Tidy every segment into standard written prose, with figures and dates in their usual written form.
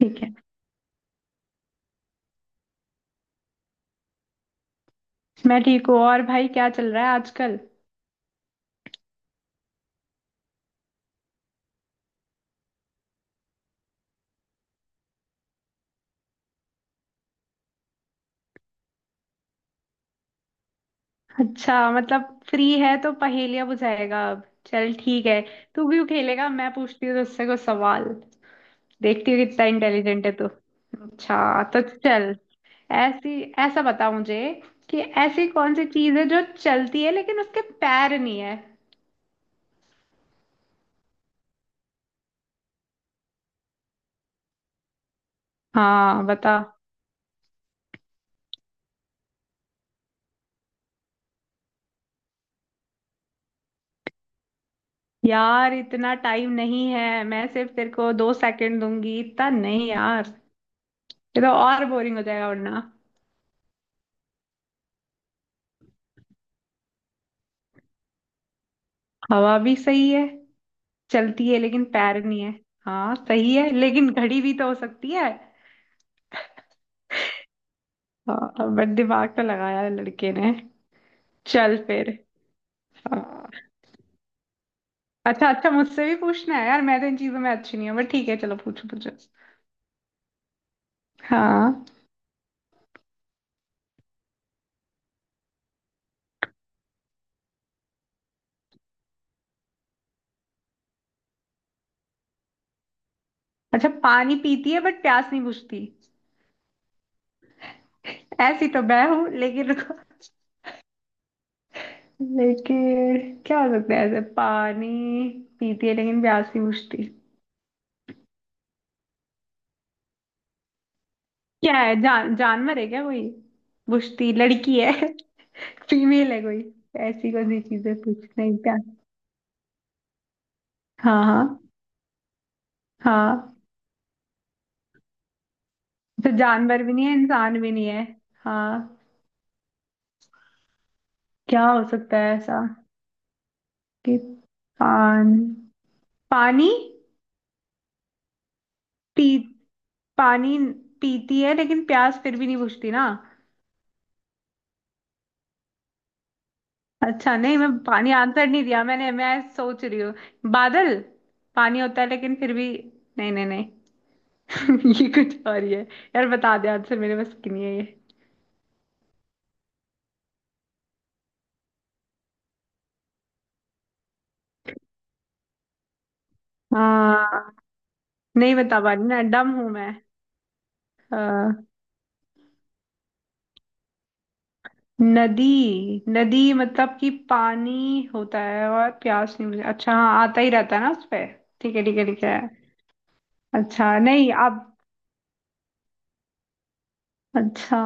ठीक है। मैं ठीक हूँ। और भाई क्या चल रहा है आजकल? अच्छा, मतलब फ्री है तो पहेलियां बुझाएगा? अब चल ठीक है। तू क्यों खेलेगा, मैं पूछती हूँ तुझसे कुछ सवाल। देखती हूँ कितना इंटेलिजेंट है तू। अच्छा तो चल। ऐसी ऐसा बता मुझे कि ऐसी कौन सी चीज है जो चलती है लेकिन उसके पैर नहीं है। हाँ, बता। यार इतना टाइम नहीं है, मैं सिर्फ तेरे को दो सेकंड दूंगी, इतना नहीं यार। ये तो और बोरिंग हो जाएगा वरना। हवा भी सही है। चलती है लेकिन पैर नहीं है। हाँ सही है, लेकिन घड़ी भी तो हो सकती है। हाँ, बट दिमाग तो लगाया है लड़के ने। चल फिर। हाँ। अच्छा अच्छा, मुझसे भी पूछना है यार। मैं तो इन चीजों में अच्छी नहीं हूँ, बट ठीक है, चलो पूछो पूछो। हाँ। अच्छा, पानी पीती है बट प्यास नहीं बुझती। ऐसी तो मैं हूँ, लेकिन रुको। लेकिन क्या हो सकता है ऐसे? पानी पीती है लेकिन प्यास नहीं बुझती। क्या है? जानवर है क्या कोई? बुझती, लड़की है? फीमेल है कोई? ऐसी कौन सी चीजें पूछना है क्या? हाँ हाँ। हाँ। तो जानवर भी नहीं है, इंसान भी नहीं है। हाँ। क्या हो सकता है ऐसा? कि पान पानी पी पानी पीती है लेकिन प्यास फिर भी नहीं बुझती ना। अच्छा, नहीं मैं पानी आंसर नहीं दिया मैंने, मैं सोच रही हूँ। बादल, पानी होता है लेकिन फिर भी, नहीं नहीं नहीं। ये कुछ और ही है। यार बता दे आंसर, मेरे बस की नहीं है ये। हाँ, नहीं बता पा रही ना, डम हूं मैं। अ, नदी? नदी मतलब कि पानी होता है और प्यास नहीं, मुझे अच्छा, हाँ आता ही रहता है ना उस पे। ठीक है ठीक है ठीक है। अच्छा नहीं आप, अच्छा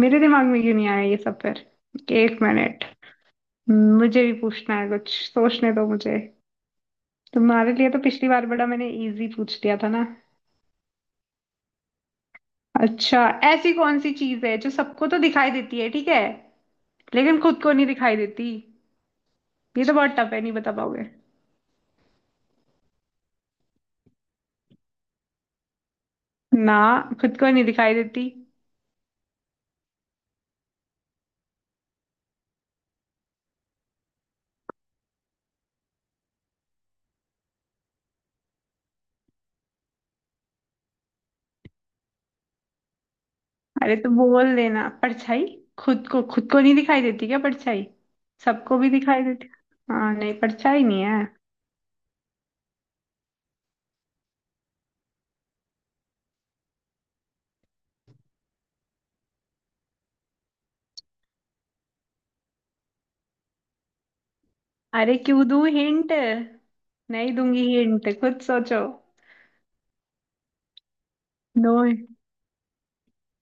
मेरे दिमाग में क्यों नहीं आया ये सब फिर? एक मिनट, मुझे भी पूछना है, कुछ सोचने दो मुझे। तुम्हारे लिए तो पिछली बार बड़ा मैंने इजी पूछ दिया था ना। अच्छा, ऐसी कौन सी चीज है जो सबको तो दिखाई देती है, ठीक है, लेकिन खुद को नहीं दिखाई देती। ये तो बहुत टफ है, नहीं बता पाओगे। ना, खुद को नहीं दिखाई देती। अरे तो बोल देना परछाई। खुद को, नहीं दिखाई देती क्या परछाई? सबको भी दिखाई देती। हाँ, नहीं परछाई नहीं है। अरे क्यों दूँ हिंट? नहीं दूंगी हिंट, खुद सोचो। नो।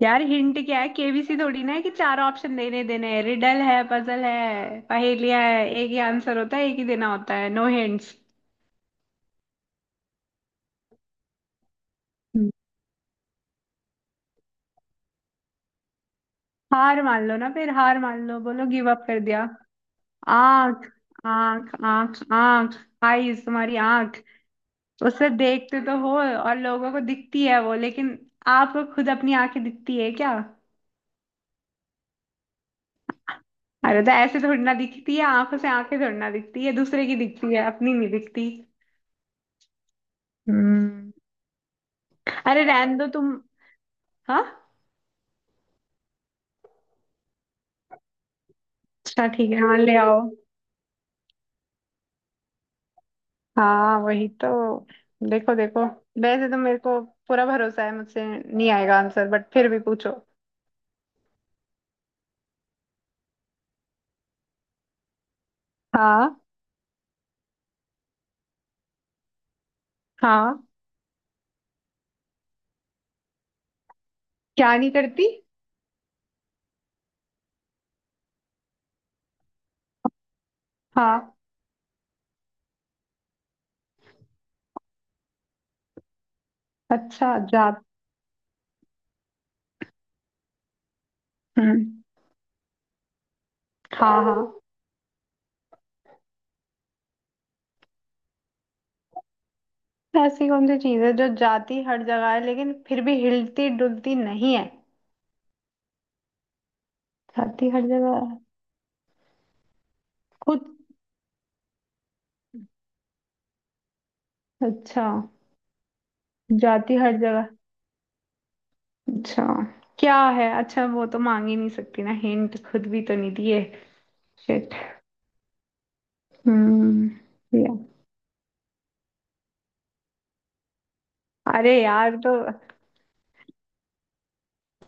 यार हिंट क्या है, केबीसी थोड़ी ना है कि चार ऑप्शन देने देने हैं। रिडल है, पजल है, पहेलिया है, एक ही आंसर होता है, एक ही देना होता है। No hints. हार मान लो ना फिर, हार मान लो, बोलो गिव अप कर दिया। आंख आंख आंख आंख, आईज, तुम्हारी आंख। उसे देखते तो हो और लोगों को दिखती है वो, लेकिन आपको खुद अपनी आंखें दिखती है क्या? अरे तो ऐसे थोड़ी ना दिखती है, आंखों से आंखें थोड़ी ना दिखती है, दूसरे की दिखती है अपनी नहीं दिखती। हम्म। अरे रहने दो तुम। हाँ। अच्छा ठीक है, हाँ ले आओ। हाँ वही तो। देखो देखो, वैसे तो मेरे को पूरा भरोसा है मुझसे नहीं आएगा आंसर, बट फिर भी पूछो। हाँ। हाँ, क्या नहीं करती? हाँ, अच्छा, जात, हम्म। हाँ हाँ। ऐसी कौन सी चीज है जो जाती हर जगह है लेकिन फिर भी हिलती डुलती नहीं है? जाती हर जगह है। खुद, अच्छा। जाती हर जगह, अच्छा क्या है? अच्छा, वो तो मांग ही नहीं सकती ना हिंट, खुद भी तो नहीं दिए। शिट। हम्म। या- अरे यार,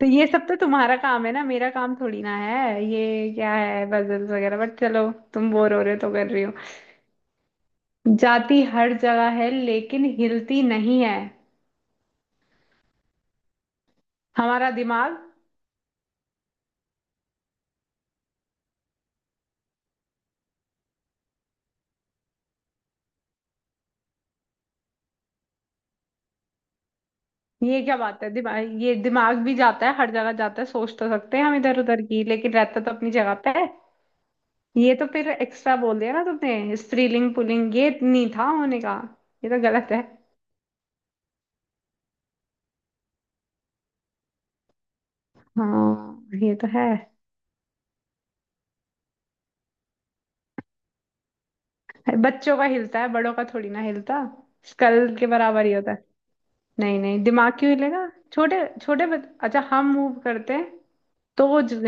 तो ये सब तो तुम्हारा काम है ना, मेरा काम थोड़ी ना है ये। क्या है पजल्स वगैरह, बट चलो तुम बोर हो रहे हो तो कर रही हो। जाती हर जगह है लेकिन हिलती नहीं है। हमारा दिमाग। ये क्या बात है? दिमाग, ये दिमाग भी जाता है, हर जगह जाता है। सोच तो सकते हैं हम इधर उधर की, लेकिन रहता तो अपनी जगह पे है। ये तो फिर एक्स्ट्रा बोल दिया ना तुमने, स्त्रीलिंग पुल्लिंग ये नहीं था होने का। ये तो गलत है। हाँ ये तो है। बच्चों का हिलता है, बड़ों का थोड़ी ना हिलता। स्कल के बराबर ही होता है। नहीं नहीं, दिमाग क्यों हिलेगा? छोटे छोटे बच... अच्छा हम मूव करते हैं। तो वो ज-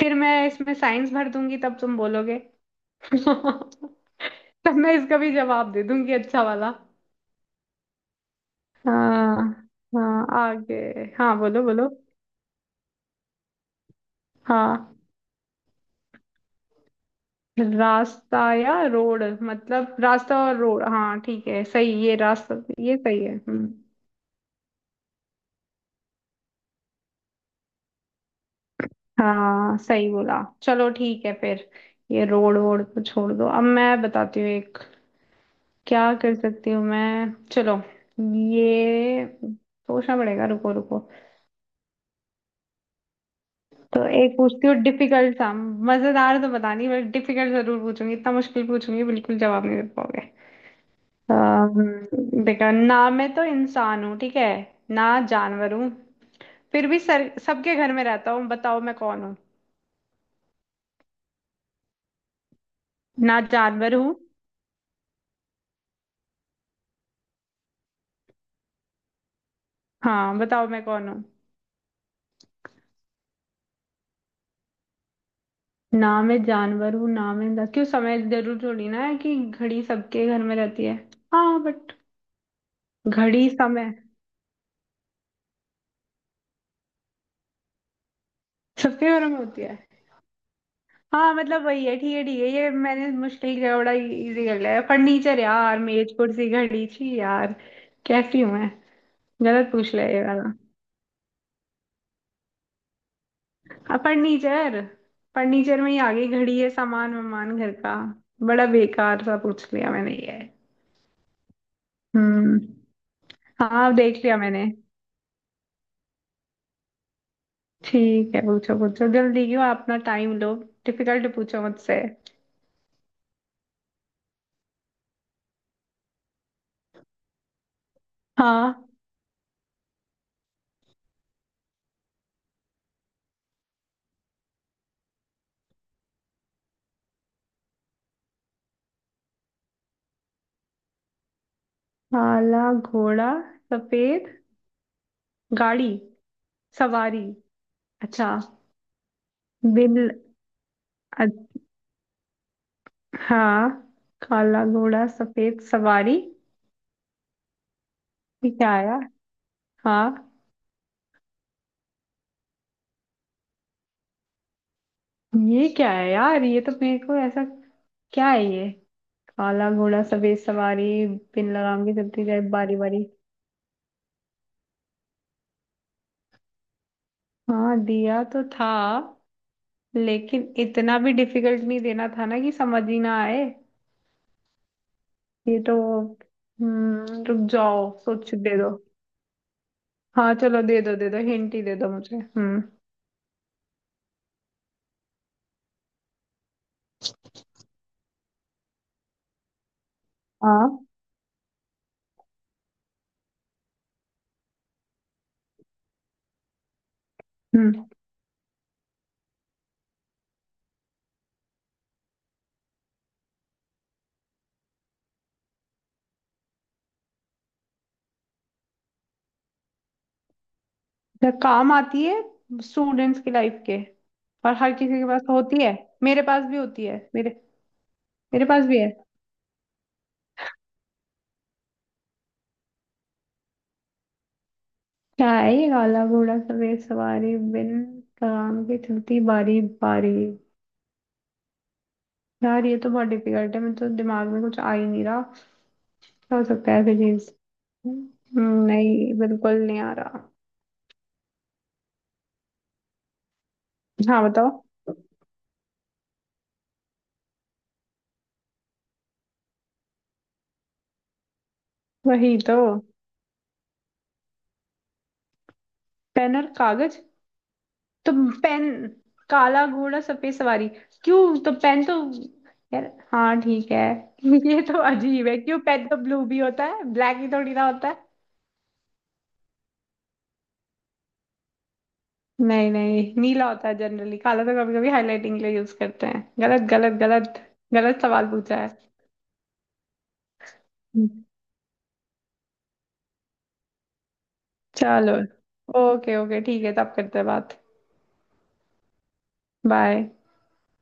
फिर मैं इसमें साइंस भर दूंगी तब तुम बोलोगे। तब मैं इसका भी जवाब दे दूंगी अच्छा वाला। हाँ, हाँ आगे। हाँ बोलो बोलो। हाँ, रास्ता या रोड, मतलब रास्ता और रोड, हाँ ठीक है सही, ये रास्ता। ये सही है। हम्म। हाँ सही बोला, चलो ठीक है फिर। ये रोड वोड को छोड़ दो, अब मैं बताती हूँ एक। क्या कर सकती हूँ मैं, चलो। ये सोचना पड़ेगा, रुको रुको। तो एक पूछती हूँ डिफिकल्ट सा। मजेदार तो पता नहीं बट डिफिकल्ट जरूर पूछूंगी, इतना मुश्किल पूछूंगी बिल्कुल जवाब नहीं दे पाओगे। देखो ना, मैं तो इंसान हूँ, ठीक है, ना जानवर हूँ, फिर भी सर सबके घर में रहता हूँ, बताओ मैं कौन हूँ? ना जानवर हूँ, हाँ बताओ मैं कौन हूँ? ना मैं जानवर हूँ ना मैं इंसान, क्यों समय जरूर थोड़ी ना है, कि घड़ी सबके घर में रहती है। हाँ बट घड़ी समय सबके घर में होती है। हाँ मतलब वही है, ठीक है ठीक है, ये मैंने मुश्किल किया बड़ा, इजी कर लिया, फर्नीचर यार, मेज कुर्सी घड़ी, छी यार। कैसी हूँ मैं, गलत पूछ लिया ये वाला। अब फर्नीचर, फर्नीचर में ही आ गई घड़ी है, सामान वामान घर का। बड़ा बेकार सा पूछ लिया मैंने ये। हम्म। हाँ, अब देख लिया मैंने। ठीक है पूछो पूछो, जल्दी क्यों, अपना टाइम लो। डिफिकल्ट पूछो मुझसे। हाँ। काला घोड़ा, सफेद गाड़ी सवारी। अच्छा। बिल। हाँ। काला घोड़ा सफेद सवारी। ये क्या आया? हाँ। ये क्या है यार, ये तो मेरे को ऐसा, क्या है ये? काला घोड़ा सफेद सवारी, बिन लगाम के चलती जाए बारी बारी। हाँ दिया तो था, लेकिन इतना भी डिफिकल्ट नहीं देना था ना कि समझ ही ना आए। ये तो, हम्म, रुक जाओ सोच दे दो। हाँ चलो दे दो दे दो, हिंट ही दे दो मुझे। हम्म। हाँ। हम्म, तो काम आती है स्टूडेंट्स की लाइफ के, और हर किसी के पास होती है, मेरे पास भी होती है, मेरे, मेरे पास भी है। क्या है ये, काला घोड़ा सफेद सवारी बिन काम की चलती बारी बारी। यार ये तो बहुत डिफिकल्ट है, मेरे तो दिमाग में कुछ आ ही नहीं रहा। क्या हो सकता है ऐसी चीज? नहीं बिल्कुल नहीं आ रहा। हाँ बताओ। वही तो, पेन और कागज। तो पेन, काला घोड़ा सफेद सवारी, क्यों? तो पेन तो, यार, हाँ ठीक है। ये तो अजीब है, क्यों पेन तो ब्लू भी होता है, ब्लैक ही थोड़ी ना होता है। नहीं नहीं नीला होता है जनरली, काला तो कभी कभी हाईलाइटिंग के लिए यूज करते हैं। गलत गलत गलत, गलत सवाल पूछा है। हम्म। चलो, ओके ओके ठीक है तब करते हैं बात। बाय।